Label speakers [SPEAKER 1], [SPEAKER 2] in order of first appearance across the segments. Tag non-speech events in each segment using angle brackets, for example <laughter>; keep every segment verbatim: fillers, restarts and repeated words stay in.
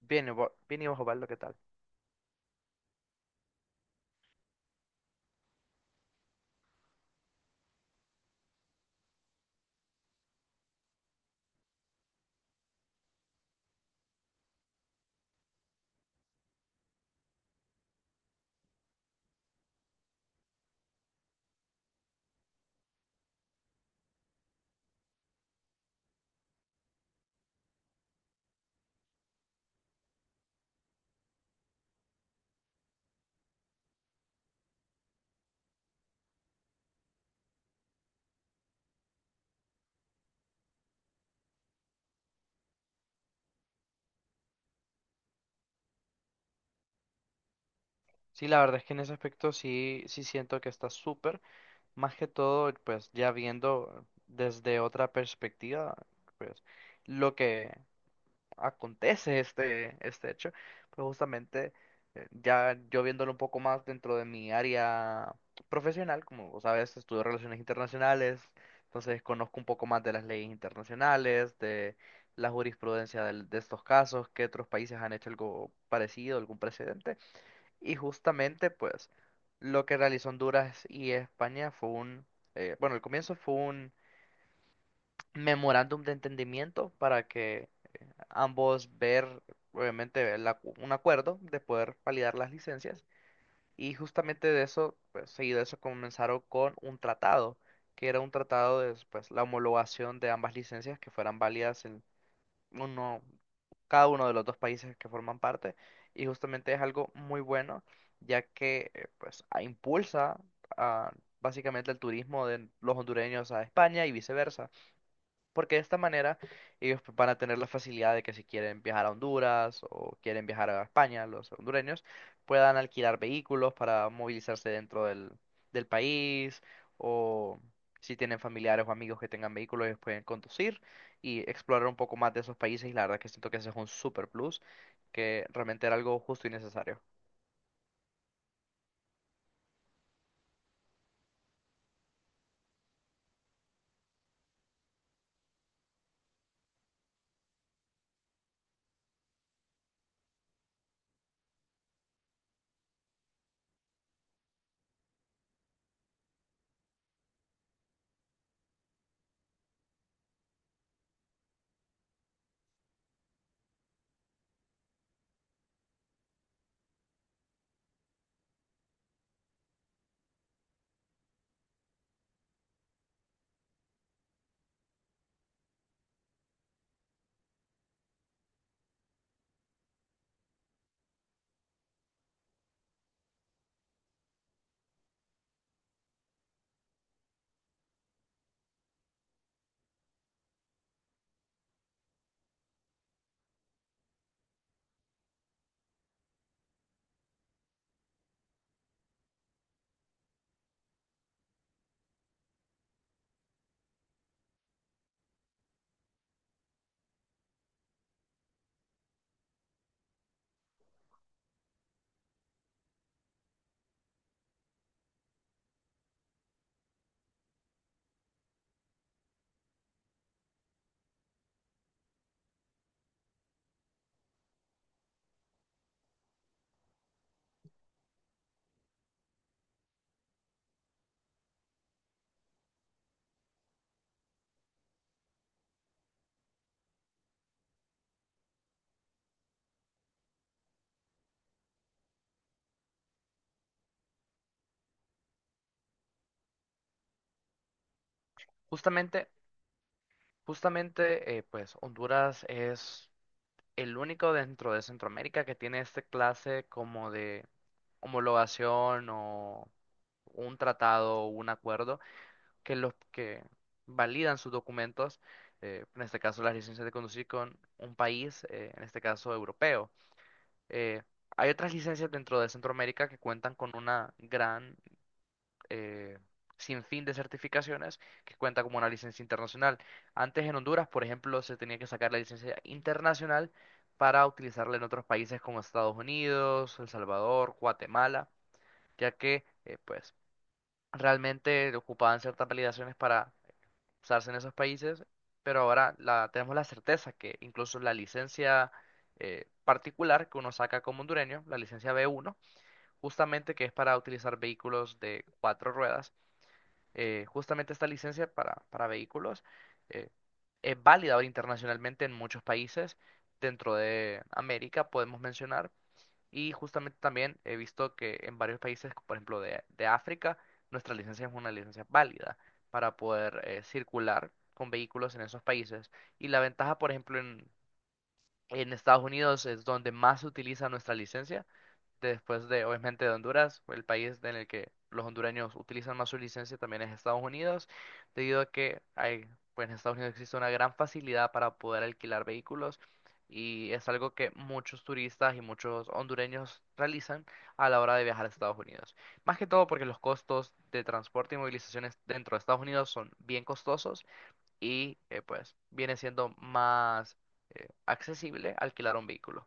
[SPEAKER 1] Bien, y bo- bien y bajo palo, ¿qué tal? Sí, la verdad es que en ese aspecto sí, sí siento que está súper. Más que todo, pues ya viendo desde otra perspectiva, pues lo que acontece este, este hecho, pues justamente eh, ya yo viéndolo un poco más dentro de mi área profesional, como vos sabes, estudio relaciones internacionales, entonces conozco un poco más de las leyes internacionales, de la jurisprudencia del- de estos casos, que otros países han hecho algo parecido, algún precedente. Y justamente, pues, lo que realizó Honduras y España fue un, eh, bueno, el comienzo fue un memorándum de entendimiento para que ambos ver, obviamente, la- un acuerdo de poder validar las licencias. Y justamente de eso, pues, seguido de eso comenzaron con un tratado, que era un tratado de, pues, la homologación de ambas licencias que fueran válidas uno, cada uno de los dos países que forman parte y justamente es algo muy bueno ya que eh, pues a- impulsa a, básicamente el turismo de los hondureños a España y viceversa. Porque de esta manera ellos van a tener la facilidad de que si quieren viajar a Honduras o quieren viajar a España, los hondureños puedan alquilar vehículos para movilizarse dentro del, del país o si tienen familiares o amigos que tengan vehículos, ellos pueden conducir y explorar un poco más de esos países y la verdad que siento que ese es un super plus que realmente era algo justo y necesario. Justamente, justamente, eh, pues Honduras es el único dentro de Centroamérica que tiene este clase como de homologación o un tratado o un acuerdo que los que validan sus documentos, eh, en este caso las licencias de conducir con un país, eh, en este caso europeo. Eh, Hay otras licencias dentro de Centroamérica que cuentan con una gran eh, sin fin de certificaciones que cuenta como una licencia internacional. Antes en Honduras, por ejemplo, se tenía que sacar la licencia internacional para utilizarla en otros países como Estados Unidos, El Salvador, Guatemala, ya que eh, pues realmente ocupaban ciertas validaciones para usarse en esos países, pero ahora la, tenemos la certeza que incluso la licencia eh, particular que uno saca como hondureño, la licencia B uno, justamente que es para utilizar vehículos de cuatro ruedas, eh, justamente esta licencia para, para vehículos eh, es válida ahora internacionalmente en muchos países dentro de América, podemos mencionar, y justamente también he visto que en varios países, por ejemplo, de, de África, nuestra licencia es una licencia válida para poder eh, circular con vehículos en esos países. Y la ventaja, por ejemplo, en, en Estados Unidos es donde más se utiliza nuestra licencia Después de, obviamente, de Honduras, el país en el que los hondureños utilizan más su licencia también es Estados Unidos, debido a que hay, pues en Estados Unidos existe una gran facilidad para poder alquilar vehículos y es algo que muchos turistas y muchos hondureños realizan a la hora de viajar a Estados Unidos. Más que todo porque los costos de transporte y movilizaciones dentro de Estados Unidos son bien costosos y eh, pues viene siendo más eh, accesible alquilar un vehículo.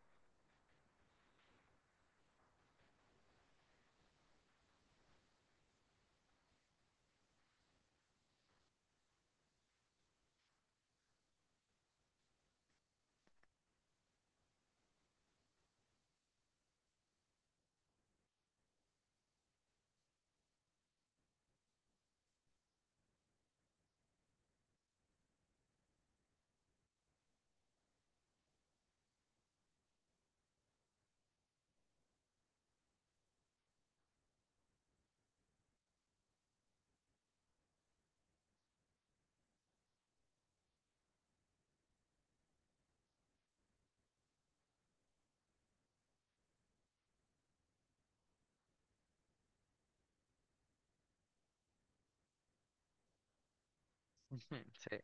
[SPEAKER 1] <laughs> Sí.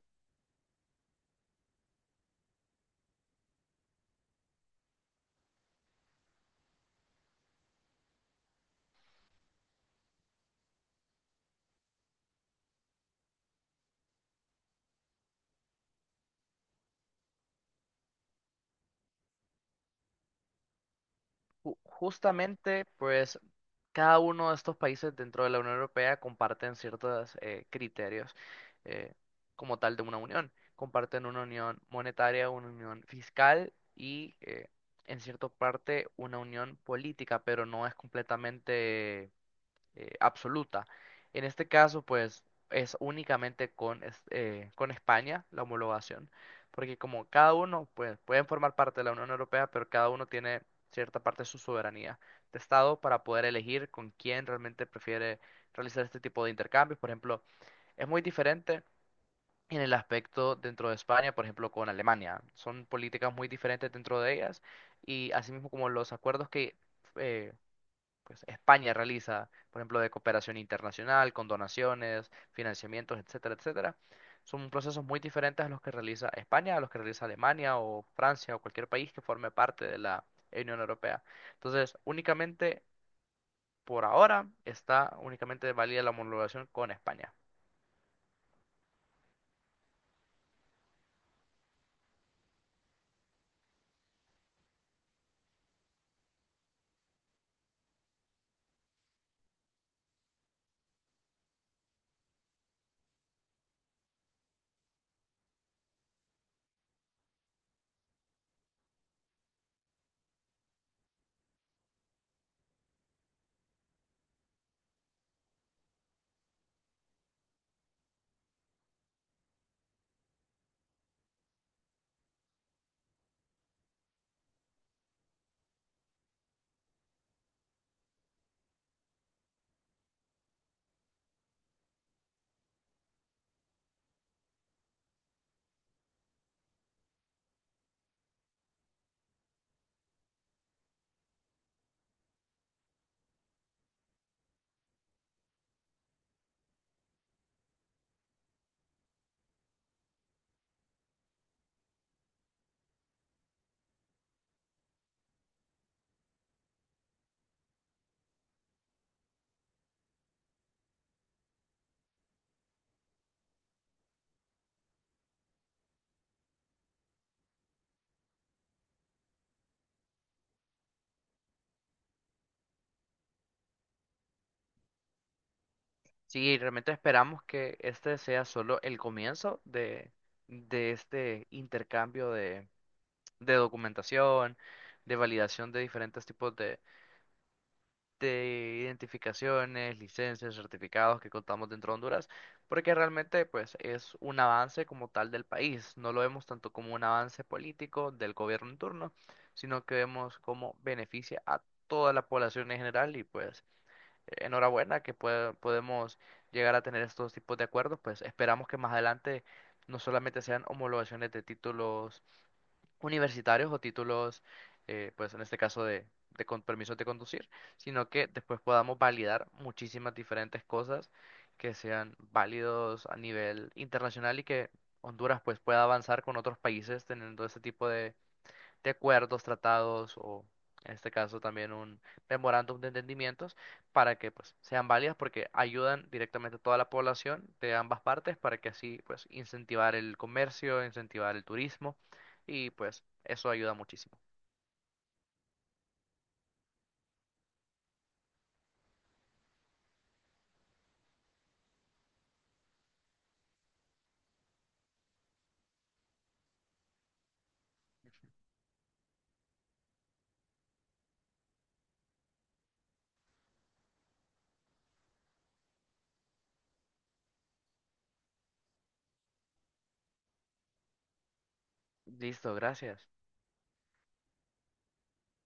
[SPEAKER 1] Ju- Justamente, pues cada uno de estos países dentro de la Unión Europea comparten ciertos eh, criterios eh, como tal de una unión. Comparten una unión monetaria, una unión fiscal y eh, en cierta parte una unión política, pero no es completamente eh, absoluta. En este caso, pues es únicamente con, es- eh, con España la homologación, porque como cada uno, pues pueden formar parte de la Unión Europea, pero cada uno tiene cierta parte de su soberanía de Estado para poder elegir con quién realmente prefiere realizar este tipo de intercambios. Por ejemplo, es muy diferente en el aspecto dentro de España, por ejemplo, con Alemania. Son políticas muy diferentes dentro de ellas y asimismo como los acuerdos que... eh, pues España realiza, por ejemplo, de cooperación internacional, con donaciones, financiamientos, etcétera, etcétera. Son procesos muy diferentes a los que realiza España, a los que realiza Alemania o Francia o cualquier país que forme parte de la Unión Europea. Entonces, únicamente por ahora está únicamente válida la homologación con España. Sí, realmente esperamos que este sea solo el comienzo de, de este intercambio de, de documentación, de validación de diferentes tipos de identificaciones, licencias, certificados que contamos dentro de Honduras, porque realmente pues es un avance como tal del país, no lo vemos tanto como un avance político del gobierno en turno, sino que vemos cómo beneficia a toda la población en general y pues eh, enhorabuena que pueda- podemos llegar a tener estos tipos de acuerdos, pues esperamos que más adelante no solamente sean homologaciones de títulos universitarios o títulos, eh, pues en este caso de, de con permisos de conducir, sino que después podamos validar muchísimas diferentes cosas que sean válidos a nivel internacional y que Honduras pues pueda avanzar con otros países teniendo ese tipo de acuerdos, tratados o en este caso también un memorándum de entendimientos para que pues sean válidas porque ayudan directamente a toda la población de ambas partes para que así pues incentivar el comercio, incentivar el turismo y pues eso ayuda muchísimo. Listo, gracias.